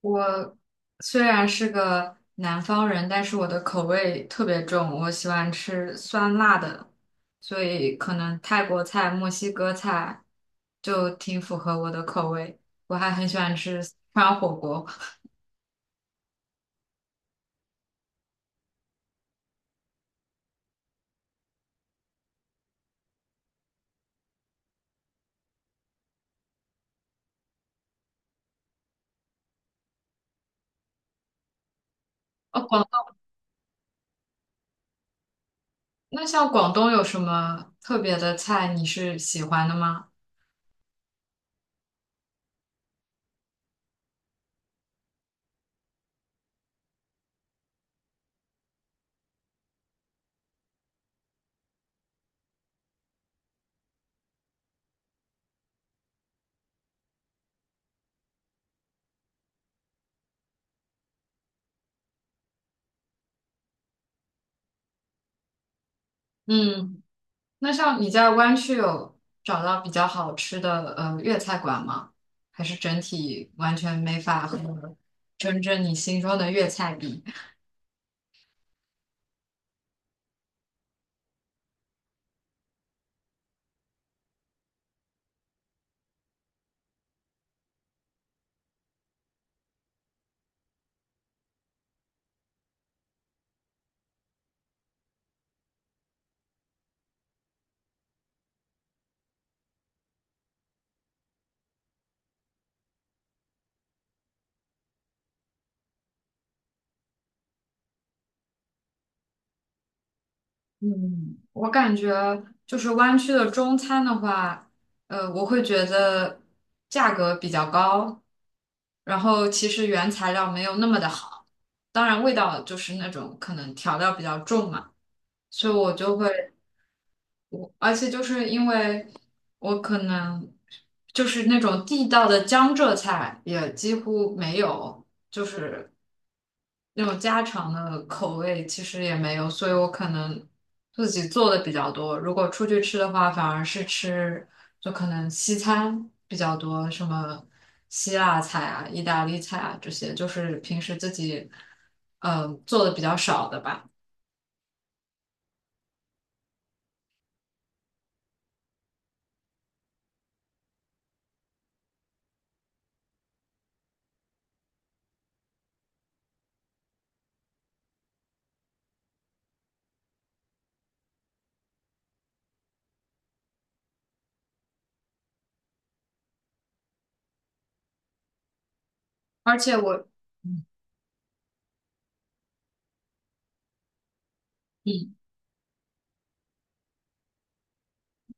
我虽然是个南方人，但是我的口味特别重，我喜欢吃酸辣的，所以可能泰国菜、墨西哥菜就挺符合我的口味。我还很喜欢吃四川火锅。哦，广，那像广东有什么特别的菜你是喜欢的吗？嗯。那像你在湾区有找到比较好吃的粤菜馆吗？还是整体完全没法和真正你心中的粤菜比？嗯，我感觉就是湾区的中餐的话，我会觉得价格比较高，然后其实原材料没有那么的好，当然味道就是那种可能调料比较重嘛，所以我就会。而且就是因为我可能就是那种地道的江浙菜也几乎没有，就是那种家常的口味其实也没有，所以我可能自己做的比较多。如果出去吃的话，反而是吃就可能西餐比较多，什么希腊菜啊、意大利菜啊这些，就是平时自己做的比较少的吧。而且我嗯，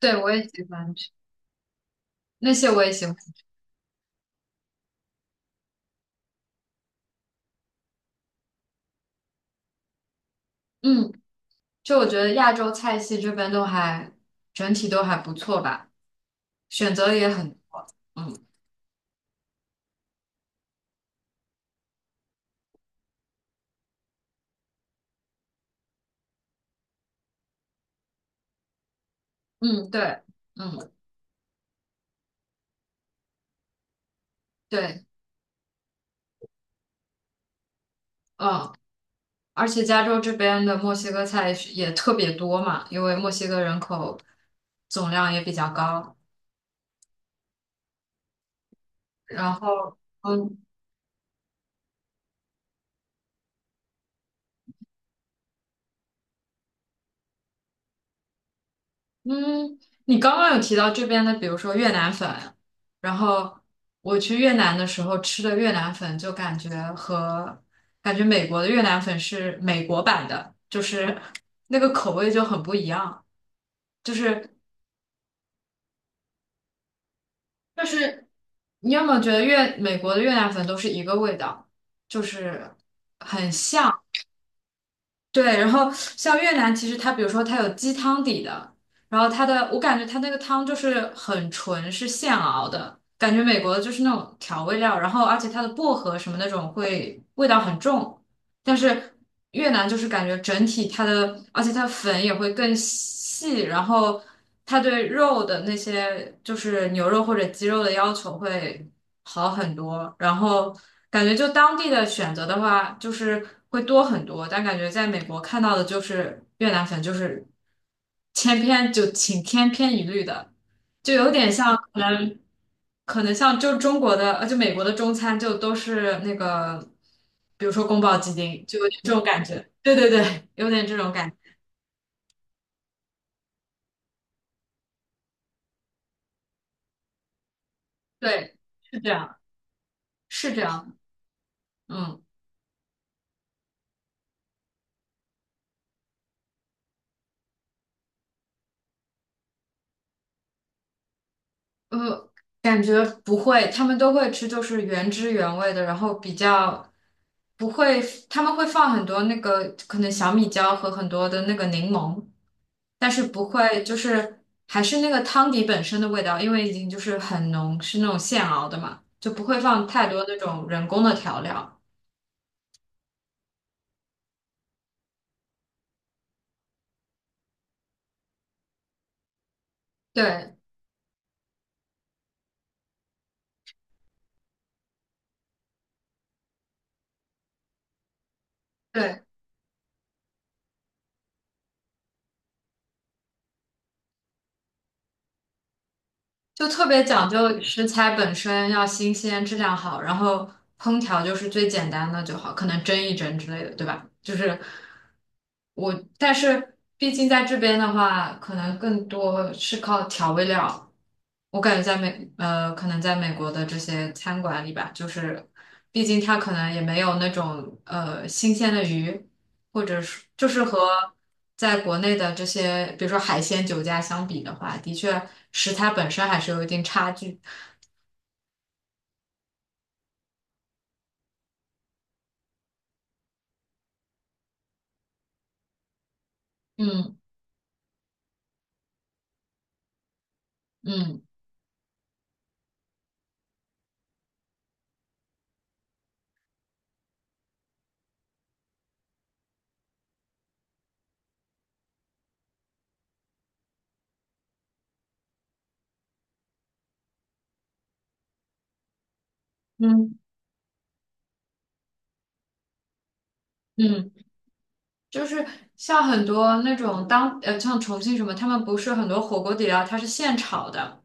对，我也喜欢吃。那些我也喜欢。嗯，就我觉得亚洲菜系这边都还整体都还不错吧，选择也很多。嗯。嗯，对。嗯。对。嗯，而且加州这边的墨西哥菜是也特别多嘛，因为墨西哥人口总量也比较高。然后，嗯，嗯，你刚刚有提到这边的，比如说越南粉，然后我去越南的时候吃的越南粉，就感觉和感觉美国的越南粉是美国版的，就是 那个口味就很不一样，就是就是你有没有觉得越美国的越南粉都是一个味道，就是很像，对，然后像越南，其实它比如说它有鸡汤底的，然后它的我感觉它那个汤就是很纯，是现熬的，感觉美国的就是那种调味料，然后而且它的薄荷什么那种会味道很重，但是越南就是感觉整体它的，而且它粉也会更细，然后它对肉的那些就是牛肉或者鸡肉的要求会好很多，然后感觉就当地的选择的话，就是会多很多，但感觉在美国看到的就是越南粉就是千篇一律的，就有点像可能像就中国的，就美国的中餐就都是那个，比如说宫保鸡丁，就有点这种感觉。对对对，有点这种感觉。对，是这样，是这样。嗯。呃，感觉不会，他们都会吃，就是原汁原味的，然后比较不会，他们会放很多那个可能小米椒和很多的那个柠檬，但是不会就是还是那个汤底本身的味道，因为已经就是很浓，是那种现熬的嘛，就不会放太多那种人工的调料。对。对，就特别讲究食材本身要新鲜、质量好，然后烹调就是最简单的就好，可能蒸一蒸之类的，对吧？就是我，但是毕竟在这边的话，可能更多是靠调味料。我感觉在可能在美国的这些餐馆里吧，就是毕竟它可能也没有那种新鲜的鱼，或者是就是和在国内的这些，比如说海鲜酒家相比的话，的确食材本身还是有一定差距。嗯。嗯。嗯。嗯，就是像很多那种像重庆什么，他们不是很多火锅底料它是现炒的。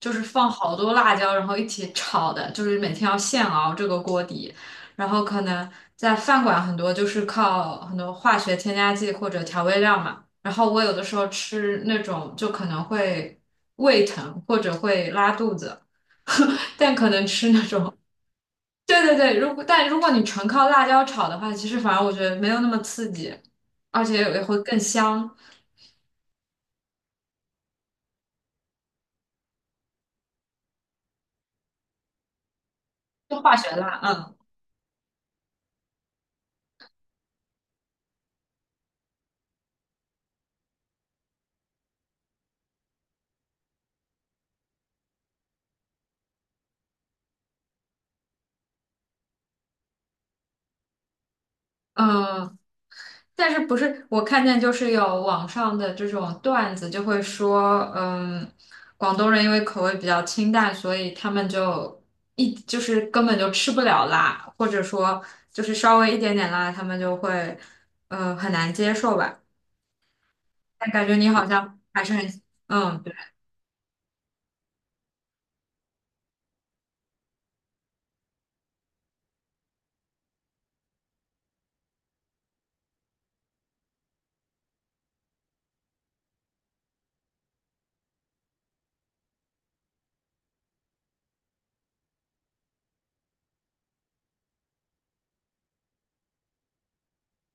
就是放好多辣椒，然后一起炒的，就是每天要现熬这个锅底。然后可能在饭馆很多就是靠很多化学添加剂或者调味料嘛。然后我有的时候吃那种就可能会胃疼或者会拉肚子。对对对，如果但如果你纯靠辣椒炒的话，其实反而我觉得没有那么刺激，而且也会更香，就化学辣，嗯。嗯，但是不是我看见就是有网上的这种段子，就会说，嗯，广东人因为口味比较清淡，所以他们就就是根本就吃不了辣，或者说就是稍微一点点辣，他们就会很难接受吧。但感觉你好像还是很，嗯，对，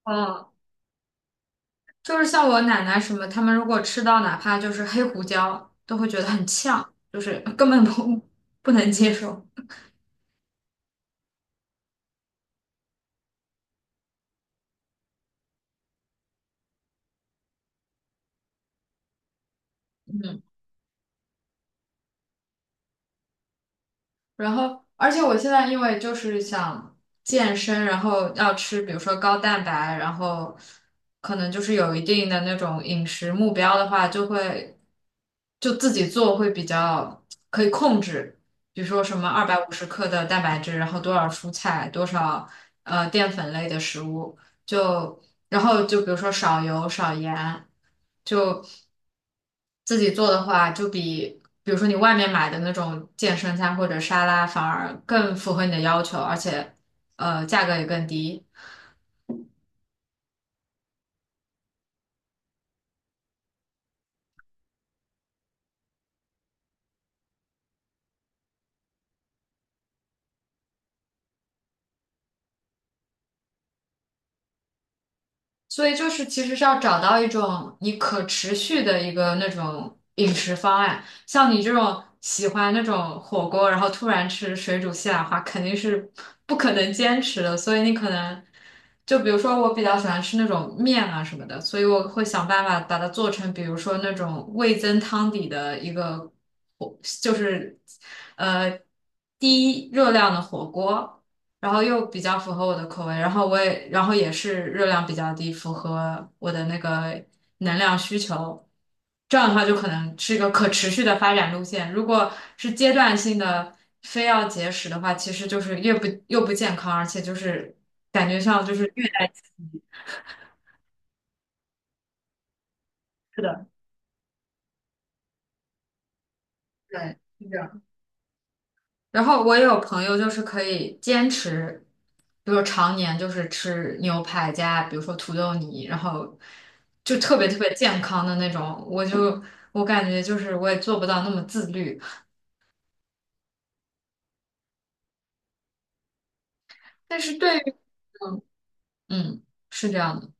嗯，就是像我奶奶什么，他们如果吃到哪怕就是黑胡椒，都会觉得很呛，就是根本不能接受。嗯。而且我现在因为就是想健身，然后要吃，比如说高蛋白，然后可能就是有一定的那种饮食目标的话，就会就自己做会比较可以控制，比如说什么250克的蛋白质，然后多少蔬菜，多少淀粉类的食物，就然后就比如说少油少盐，就自己做的话，就比如说你外面买的那种健身餐或者沙拉，反而更符合你的要求，而且价格也更低。所以就是其实是要找到一种你可持续的一个那种饮食方案，像你这种喜欢那种火锅，然后突然吃水煮西兰花，肯定是 不可能坚持的，所以你可能。就比如说，我比较喜欢吃那种面啊什么的，所以我会想办法把它做成，比如说那种味增汤底的一个火，就是呃低热量的火锅。然后又比较符合我的口味，然后我也，然后也是热量比较低，符合我的那个能量需求。这样的话，就可能是一个可持续的发展路线。如果是阶段性的，非要节食的话，其实就是越不又不健康，而且就是感觉上就是虐待自己。是的，对。是的，然后我也有朋友就是可以坚持，比如常年就是吃牛排加，比如说土豆泥，然后就特别特别健康的那种。我就我感觉就是我也做不到那么自律，但是对于嗯嗯是这样的。